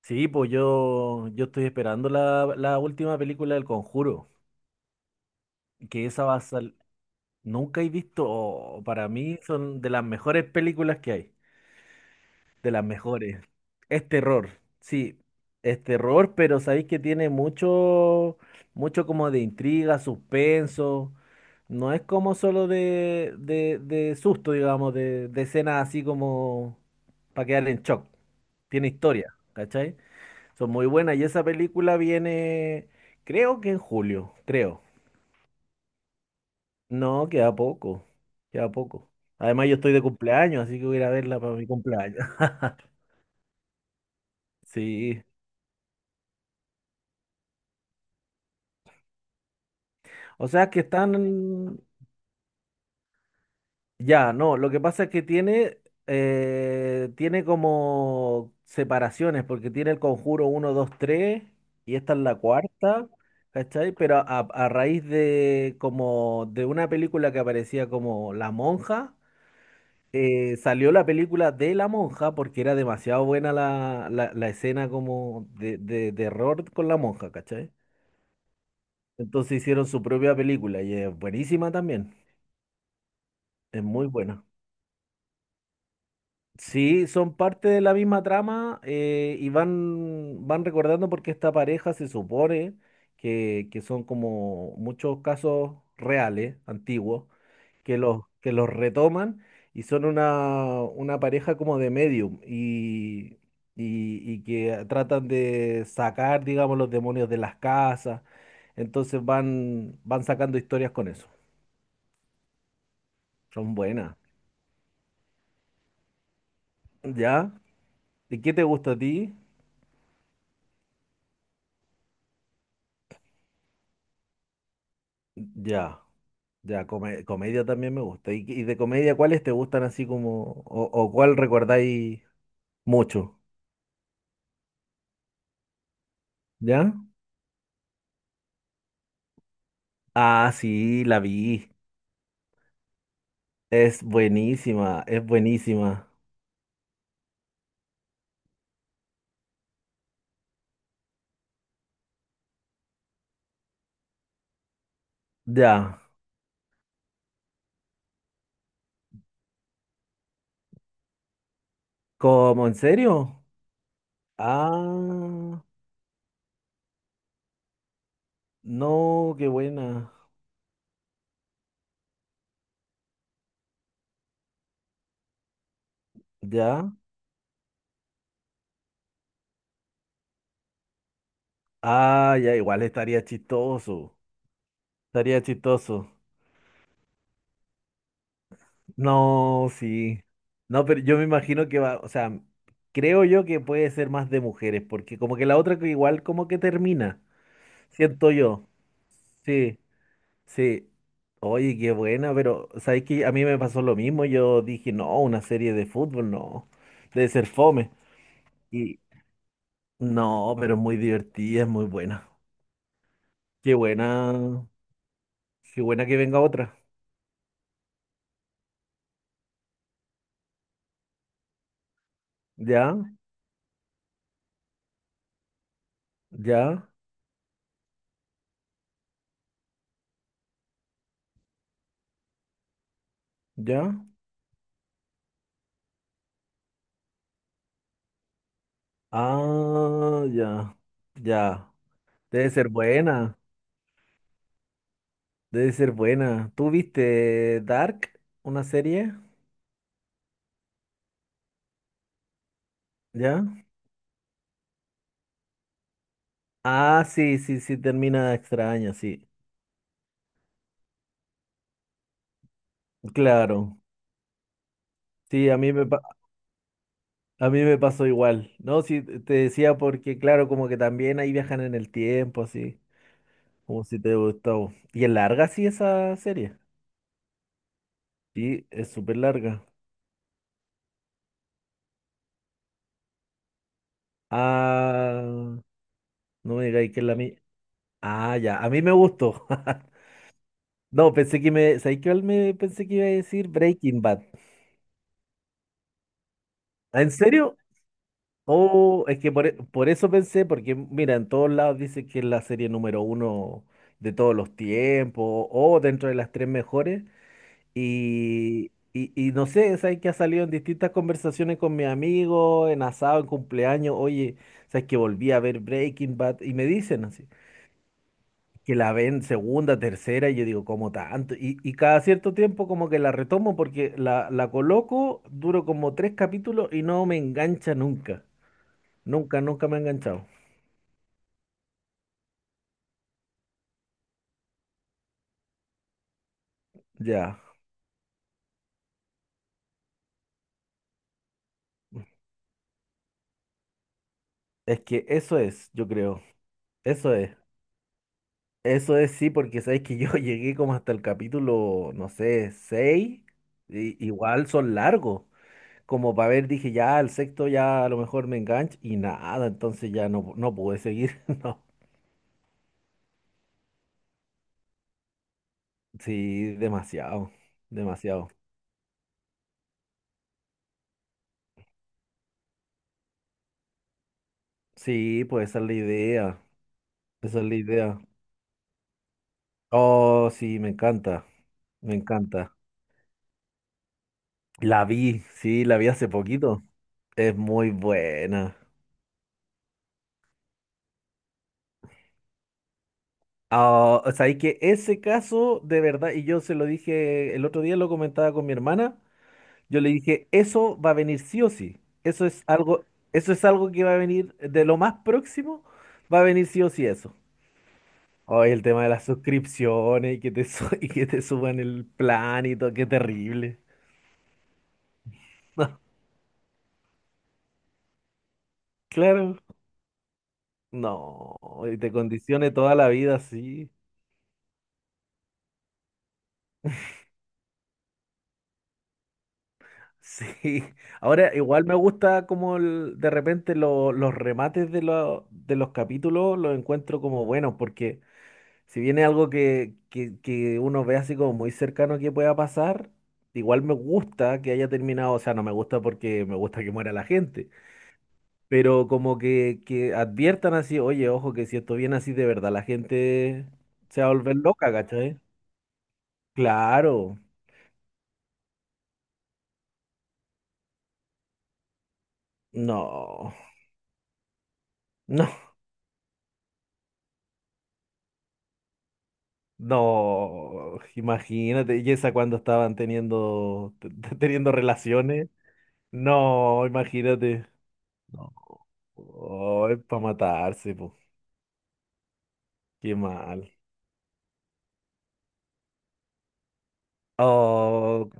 Sí, pues yo estoy esperando la última película del Conjuro, que esa va a salir. Nunca he visto, oh, para mí son de las mejores películas que hay, de las mejores. Es terror, sí, es terror, pero sabéis que tiene mucho, mucho como de intriga, suspenso. No es como solo de susto, digamos, de escenas así como para quedar en shock. Tiene historia, ¿cachai? Son muy buenas. Y esa película viene, creo que en julio, creo. No, queda poco, queda poco. Además, yo estoy de cumpleaños, así que voy a ir a verla para mi cumpleaños. Sí. O sea, que están. Ya, no, lo que pasa es que tiene como separaciones, porque tiene el Conjuro uno 2 3 y esta es la cuarta, ¿cachai? Pero a raíz de como de una película que aparecía como La Monja. Salió la película de la monja porque era demasiado buena la escena como de error con la monja, ¿cachai? Entonces hicieron su propia película y es buenísima también, es muy buena. Sí, son parte de la misma trama y van recordando porque esta pareja se supone que son como muchos casos reales, antiguos, que los retoman y son una pareja como de medium y que tratan de sacar, digamos, los demonios de las casas. Entonces van sacando historias con eso. Son buenas. ¿Ya? ¿Y qué te gusta a ti? Ya. Ya, comedia también me gusta. ¿Y de comedia cuáles te gustan así como, o cuál recordáis mucho? ¿Ya? Ah, sí, la vi. Es buenísima, es buenísima. Ya. ¿Cómo? ¿En serio? Ah, no, qué buena. ¿Ya? Ah, ya, igual estaría chistoso. Estaría chistoso. No, sí. No, pero yo me imagino que va, o sea, creo yo que puede ser más de mujeres, porque como que la otra que igual como que termina, siento yo. Sí, sí. Oye, qué buena, pero sabes que a mí me pasó lo mismo. Yo dije, no, una serie de fútbol, no, debe ser fome. Y no, pero es muy divertida, es muy buena. Qué buena, qué buena que venga otra. Ya, ya, ya. Ah, ya, ya. Debe ser buena, debe ser buena. ¿Tú viste Dark, una serie? ¿Ya? Ah, sí, sí, sí, termina extraña, sí. Claro, sí, a mí me pasó igual. No, sí, te decía porque, claro, como que también ahí viajan en el tiempo, así, como si te gustó. Y es larga, sí, esa serie. Sí, es súper larga. Ah, no me digáis que es la mía. Ah, ya, a mí me gustó. No, pensé que me, ¿sabes qué? Me pensé que iba a decir Breaking Bad. Ah, ¿en serio? Oh, es que por eso pensé, porque mira, en todos lados dice que es la serie número uno de todos los tiempos, o dentro de las tres mejores, y no sé, sabes que ha salido en distintas conversaciones con mis amigos, en asado, en cumpleaños, oye, sabes que volví a ver Breaking Bad, y me dicen así, que la ven segunda, tercera, y yo digo, ¿cómo tanto? Y cada cierto tiempo como que la retomo porque la coloco, duro como tres capítulos y no me engancha nunca. Nunca, nunca me ha enganchado. Ya. Es que eso es, yo creo. Eso es. Eso es sí, porque sabes que yo llegué como hasta el capítulo, no sé, seis y igual son largos. Como para ver, dije, ya, el sexto ya a lo mejor me engancho. Y nada, entonces ya no pude seguir. No. Sí, demasiado. Demasiado. Sí, pues esa es la idea. Esa es la idea. Oh, sí, me encanta. Me encanta. La vi, sí, la vi hace poquito. Es muy buena. Ah, o sea, y que ese caso, de verdad, y yo se lo dije el otro día, lo comentaba con mi hermana, yo le dije, eso va a venir sí o sí. Eso es algo que va a venir de lo más próximo, va a venir sí o sí eso. Oye, el tema de las suscripciones y y que te suban el plan y todo, qué terrible. No, claro, no, y te condicione toda la vida así. Sí, ahora igual me gusta como de repente los remates de los capítulos los encuentro como buenos, porque si viene algo que uno ve así como muy cercano que pueda pasar, igual me gusta que haya terminado, o sea, no me gusta porque me gusta que muera la gente, pero como que adviertan así, oye, ojo, que si esto viene así de verdad, la gente se va a volver loca, ¿cachai? Claro, no, no, no, imagínate, y esa cuando estaban teniendo teniendo relaciones. No, imagínate. No. Oh, es para matarse, pues. Qué mal. Oh,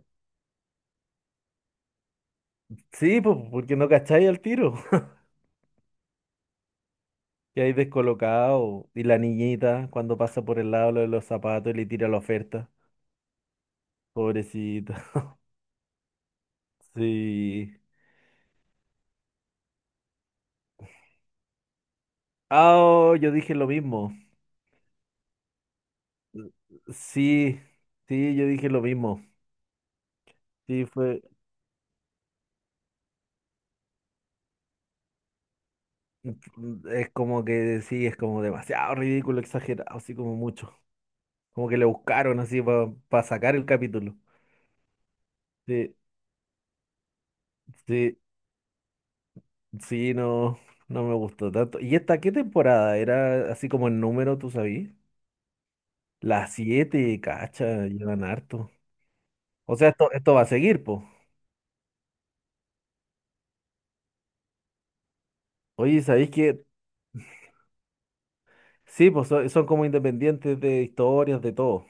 sí, pues, porque no cacháis al tiro. Y ahí descolocado. Y la niñita, cuando pasa por el lado lo de los zapatos y le tira la oferta. Pobrecita. Sí. Ah, oh, yo dije lo mismo. Sí, sí, yo dije lo mismo. Sí, fue. Es como que sí, es como demasiado ridículo, exagerado, así como mucho. Como que le buscaron así para sacar el capítulo. Sí, sí, sí, no, no me gustó tanto. ¿Y esta qué temporada? Era así como el número, tú sabías. Las siete, cacha, llevan harto. O sea, esto va a seguir, po. Oye, ¿sabéis que? Sí, pues son como independientes de historias, de todo.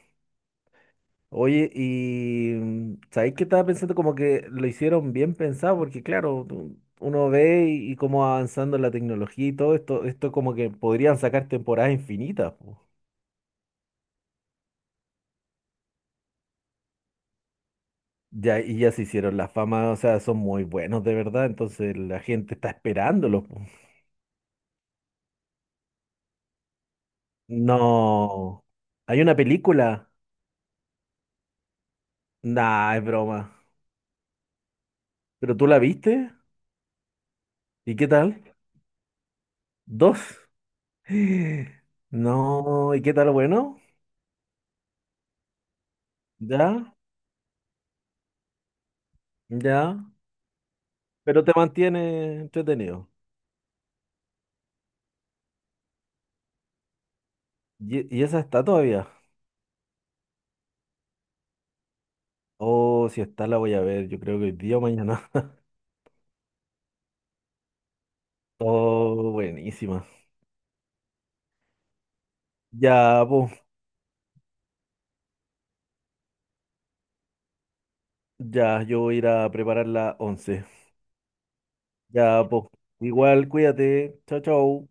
Oye, y ¿sabéis que estaba pensando como que lo hicieron bien pensado? Porque claro, uno ve y cómo va avanzando la tecnología y todo esto como que podrían sacar temporadas infinitas, po. Ya, y ya se hicieron la fama, o sea, son muy buenos de verdad, entonces la gente está esperándolos, po. No, hay una película. Nah, es broma. ¿Pero tú la viste? ¿Y qué tal? ¿Dos? No, ¿y qué tal? Bueno, ya, ya. Pero te mantiene entretenido. ¿Y esa está todavía? Oh, si está la voy a ver, yo creo que hoy día o mañana. Oh, buenísima. Ya, pues, ya, yo voy a ir a preparar la once. Ya, pues, igual, cuídate. Chao, chao.